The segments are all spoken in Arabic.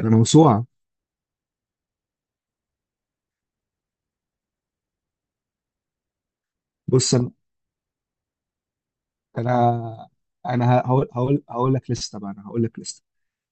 انا موسوعه. بص، انا انا هقول لك لسته بقى. انا هقول لك لسته.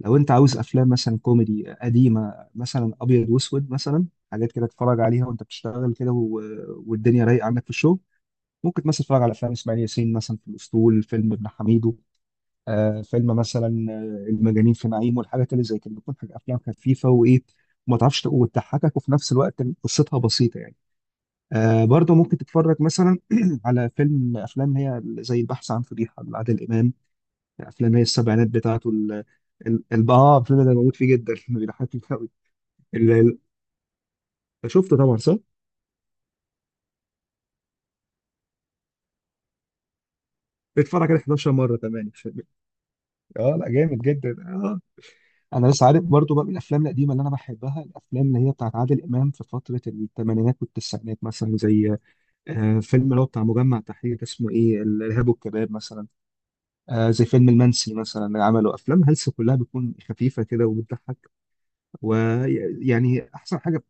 لو انت عاوز افلام مثلا كوميدي قديمه، مثلا ابيض واسود مثلا، حاجات كده تتفرج عليها وانت بتشتغل كده والدنيا رايقه عندك في الشغل، ممكن مثلا تتفرج على افلام اسماعيل ياسين، مثلا في الاسطول، فيلم ابن حميدو، فيلم مثلا المجانين في نعيم، والحاجات اللي زي كده بتكون افلام خفيفه وايه، وما تعرفش وتضحكك، وفي نفس الوقت قصتها بسيطه يعني. برضه ممكن تتفرج مثلا على افلام هي زي البحث عن فضيحه لعادل امام، افلام هي السبعينات بتاعته، الفيلم ده بموت فيه جدا بيضحكني قوي. ال... ال- شفته طبعا، صح؟ اتفرج عليه 11 مره كمان الفيلم. اه، لا، جامد جدا، اه. انا بس عارف برضه بقى من الافلام القديمه اللي انا بحبها، الافلام اللي هي بتاعت عادل امام في فتره الثمانينات والتسعينات، مثلا زي فيلم اللي هو بتاع مجمع تحرير، اسمه ايه، الارهاب والكباب مثلا، زي فيلم المنسي مثلا، اللي عمله افلام هلس كلها بتكون خفيفه كده وبتضحك، ويعني احسن حاجه.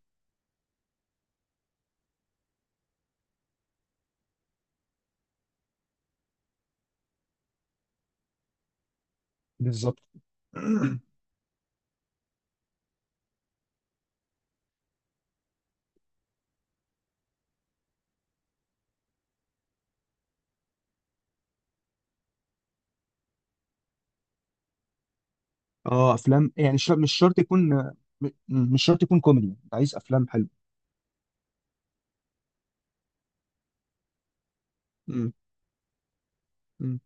بالظبط. اه، افلام يعني، مش شرط يكون، مش شرط يكون كوميدي، انت عايز افلام حلوه. مم. مم.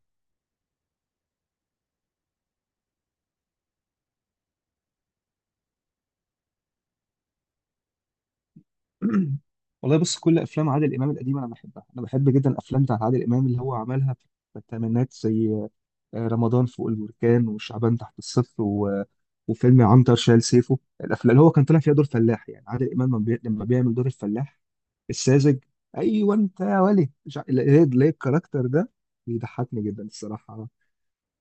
والله بص، كل افلام عادل امام القديمه انا بحبها. انا بحب جدا الافلام بتاعت عادل امام اللي هو عملها في الثمانينات، زي رمضان فوق البركان، وشعبان تحت الصفر، وفيلم عنتر شال سيفه، الافلام اللي هو كان طالع فيها دور فلاح، يعني عادل امام لما لما بيعمل دور الفلاح الساذج. ايوه، انت يا ولي مش ليه ليه الكاركتر ده بيضحكني جدا الصراحه،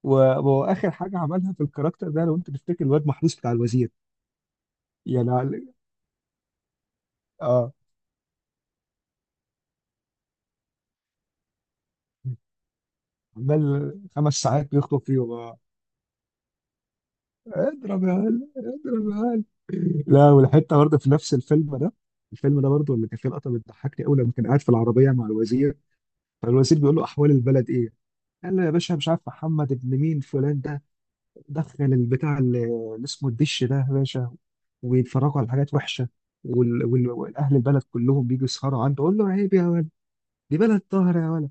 و... واخر حاجه عملها في الكاركتر ده لو انت تفتكر الواد محروس بتاع الوزير. يعني عل- اه عمال 5 ساعات بيخطب فيهم. اضرب يا هلا، اضرب يا هلا. لا، والحته برضه في نفس الفيلم ده. الفيلم ده برضه اللي كان فيه لقطه بتضحكني قوي لما كان قاعد في العربيه مع الوزير، فالوزير بيقول له احوال البلد ايه؟ قال له يا باشا، مش عارف محمد ابن مين فلان ده دخل البتاع اللي اسمه الدش ده يا باشا، ويتفرجوا على حاجات وحشه، والاهل البلد كلهم بيجوا يسهروا عنده. قول له عيب يا ولد، دي بلد طاهره يا ولد،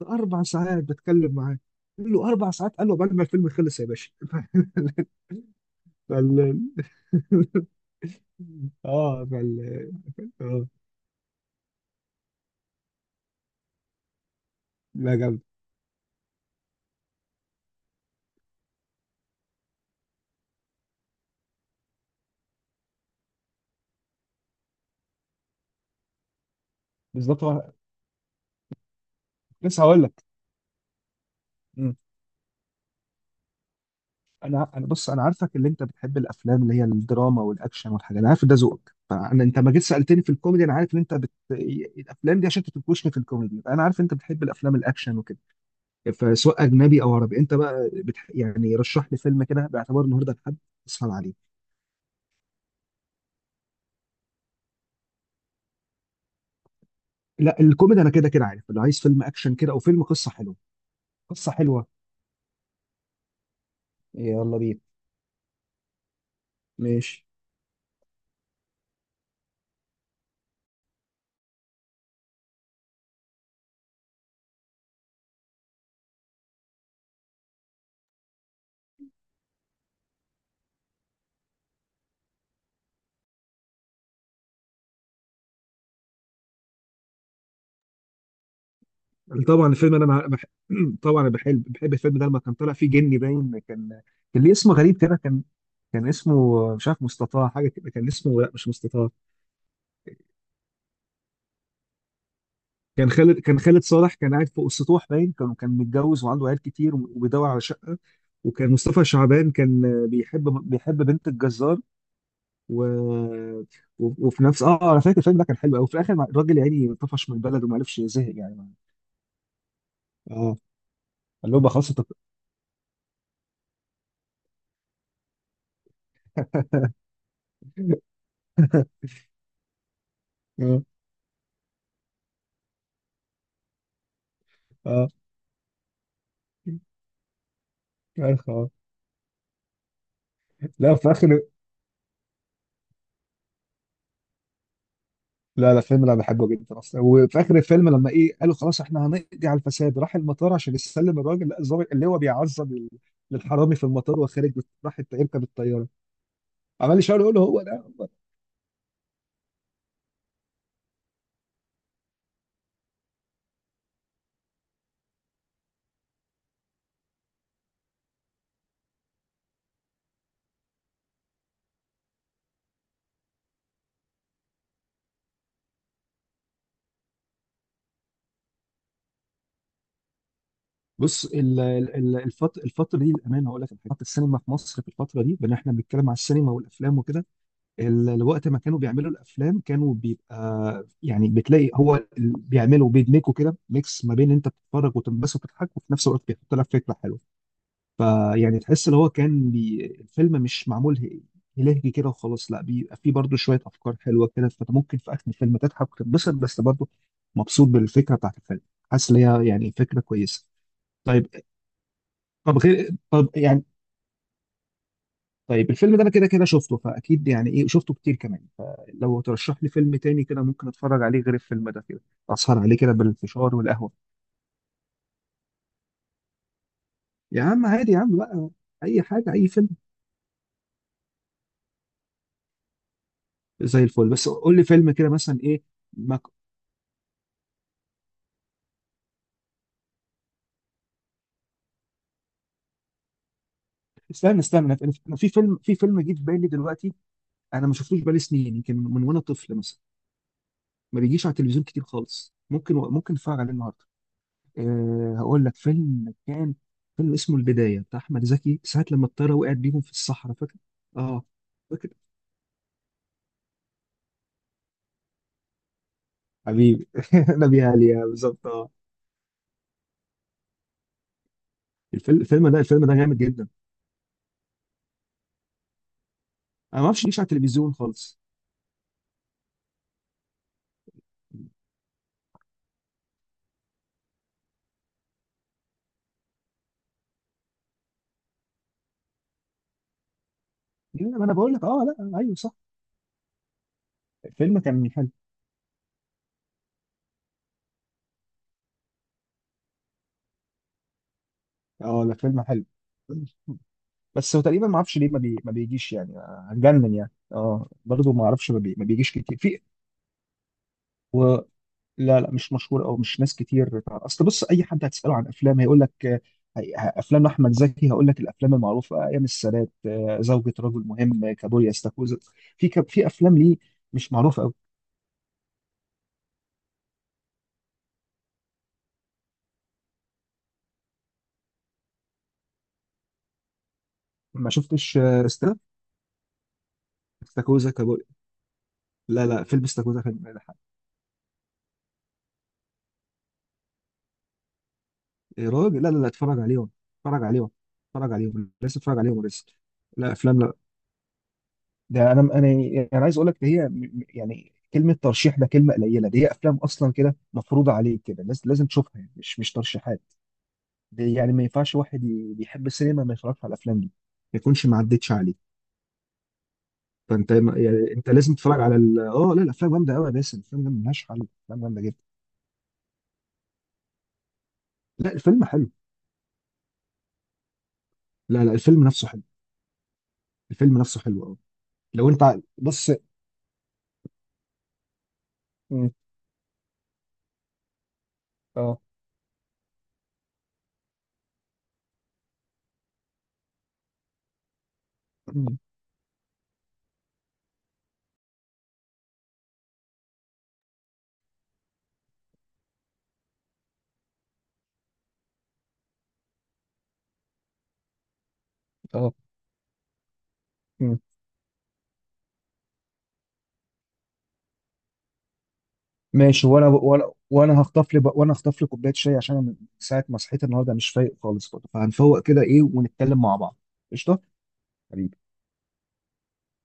ده 4 ساعات بتكلم معاه. قال له 4 ساعات؟ قال له بعد ما الفيلم خلص يا باشا فال... اه فال... اه، لا، جامد. بالظبط. لسه هقول لك. مم. انا، بص، انا عارفك، اللي انت بتحب الافلام اللي هي الدراما والاكشن والحاجات، انا عارف ده ذوقك، فانا انت ما جيت سالتني في الكوميدي، انا عارف ان انت الافلام دي عشان تنكشني في الكوميدي، انا عارف انت بتحب الافلام الاكشن وكده، فسواء اجنبي او عربي انت بقى يعني رشح لي فيلم كده باعتبار النهارده لحد اسهل عليه. لا، الكوميدي انا كده كده عارف، اللي عايز فيلم اكشن كده، او فيلم قصه حلوه، قصه حلوه. يلا بينا. ماشي. طبعا الفيلم، طبعا أنا بحب الفيلم ده لما كان طالع فيه جني، باين كان كان ليه اسم غريب كده، كان اسمه، مش عارف، مستطاع، حاجه كده، كان اسمه، لا مش مستطاع. كان خالد صالح كان قاعد فوق السطوح، باين كان متجوز وعنده عيال كتير وبيدور على شقه، وكان مصطفى شعبان كان بيحب بنت الجزار، و... وفي نفس اه انا فاكر الفيلم ده كان حلو قوي، وفي الاخر الراجل يعني طفش من البلد وما عرفش يزهق يعني. اه، قال له بقى خلاص اه اه، عارف. لا، في اخر، لا لا، فيلم انا بحبه جدا اصلا، وفي اخر الفيلم لما ايه قالوا خلاص احنا هنقضي على الفساد، راح المطار عشان يسلم الراجل، لا الظابط اللي هو بيعذب الحرامي في المطار، وخارج يركب الطياره عمال يشاور يقول له هو ده. بص، الفتره دي الامانه هقول لك، الحاجات، السينما في مصر في الفتره دي، بان احنا بنتكلم على السينما والافلام وكده، الوقت ما كانوا بيعملوا الافلام كانوا بيبقى، يعني بتلاقي هو بيعملوا، بيدمجوا كده ميكس ما بين انت بتتفرج وتنبسط وتضحك، وفي نفس الوقت بيحط لك فكره حلوه، فيعني تحس اللي هو كان الفيلم مش معمول هلهجي كده وخلاص، لا بيبقى فيه برضه شوية أفكار حلوة كده، فأنت ممكن في آخر الفيلم تضحك وتتبسط، بس برضه مبسوط بالفكرة بتاعت الفيلم، حاسس إن هي يعني فكرة كويسة. طيب. طب غير طب يعني طيب، الفيلم ده أنا كده كده شفته، فأكيد يعني إيه، شفته كتير كمان، فلو ترشح لي فيلم تاني كده ممكن أتفرج عليه غير الفيلم ده كده، أسهر عليه كده بالفشار والقهوة. يا عم عادي يا عم بقى، أي حاجة، أي فيلم، زي الفل، بس قول لي فيلم كده مثلا إيه. استنى استنى، أنا في أنا في فيلم في فيلم جه في بالي دلوقتي، انا ما شفتوش بقالي سنين، يمكن من وانا طفل مثلا، ما بيجيش على التلفزيون كتير خالص، ممكن اتفرج عليه النهارده. أه، هقول لك. فيلم اسمه البدايه، بتاع احمد زكي، ساعه لما الطياره وقعت بيهم في الصحراء، فاكر؟ اه. فاكر. حبيبي. نبي علي، بالظبط، اه. الفيلم ده جامد جدا. انا ما اعرفش يجيش على التلفزيون خالص. لا، ما انا بقول لك. اه، لا، ايوه، صح. الفيلم كان حلو، اه، لا فيلم حلو، بس هو تقريبا ما اعرفش ليه ما بيجيش يعني، هتجنن يعني، اه، برضه ما اعرفش ما بيجيش كتير و... لا لا، مش مشهور، او مش ناس كتير اصل بص، اي حد هتساله عن افلام هيقول لك، افلام احمد زكي، هقول لك الافلام المعروفه، ايام السادات، زوجة رجل مهم، كابوريا، استاكوزا، في افلام ليه مش معروفه قوي. ما شفتش. استاكوزا، كابوريا. لا لا، فيلم استاكوزا كان، يا راجل، لا لا لا، اتفرج عليهم، اتفرج عليهم، اتفرج عليهم لسه، اتفرج عليهم لسه. لا، افلام، ده انا، يعني، انا عايز اقول لك ده هي يعني كلمه ترشيح ده كلمه قليله، دي هي افلام اصلا كده مفروضه عليك كده، الناس لازم تشوفها يعني، مش ترشيحات دي، يعني ما ينفعش واحد بيحب السينما ما يتفرجش على الافلام دي، ما يكونش ما عدتش عليه. فانت يعني انت لازم تتفرج على لا، الافلام جامده قوي يا باسم، الافلام جامده ملهاش حل، الافلام جامده جدا. لا، الفيلم حلو. لا لا، الفيلم نفسه حلو، الفيلم نفسه حلو، اه. لو انت بص، م، اه م، اه ماشي. وانا وانا وانا هخطف لي كوبايه شاي، عشان أنا من ساعه ما صحيت النهارده مش فايق خالص برضه، فهنفوق كده ايه ونتكلم مع بعض. قشطه. حبيبي.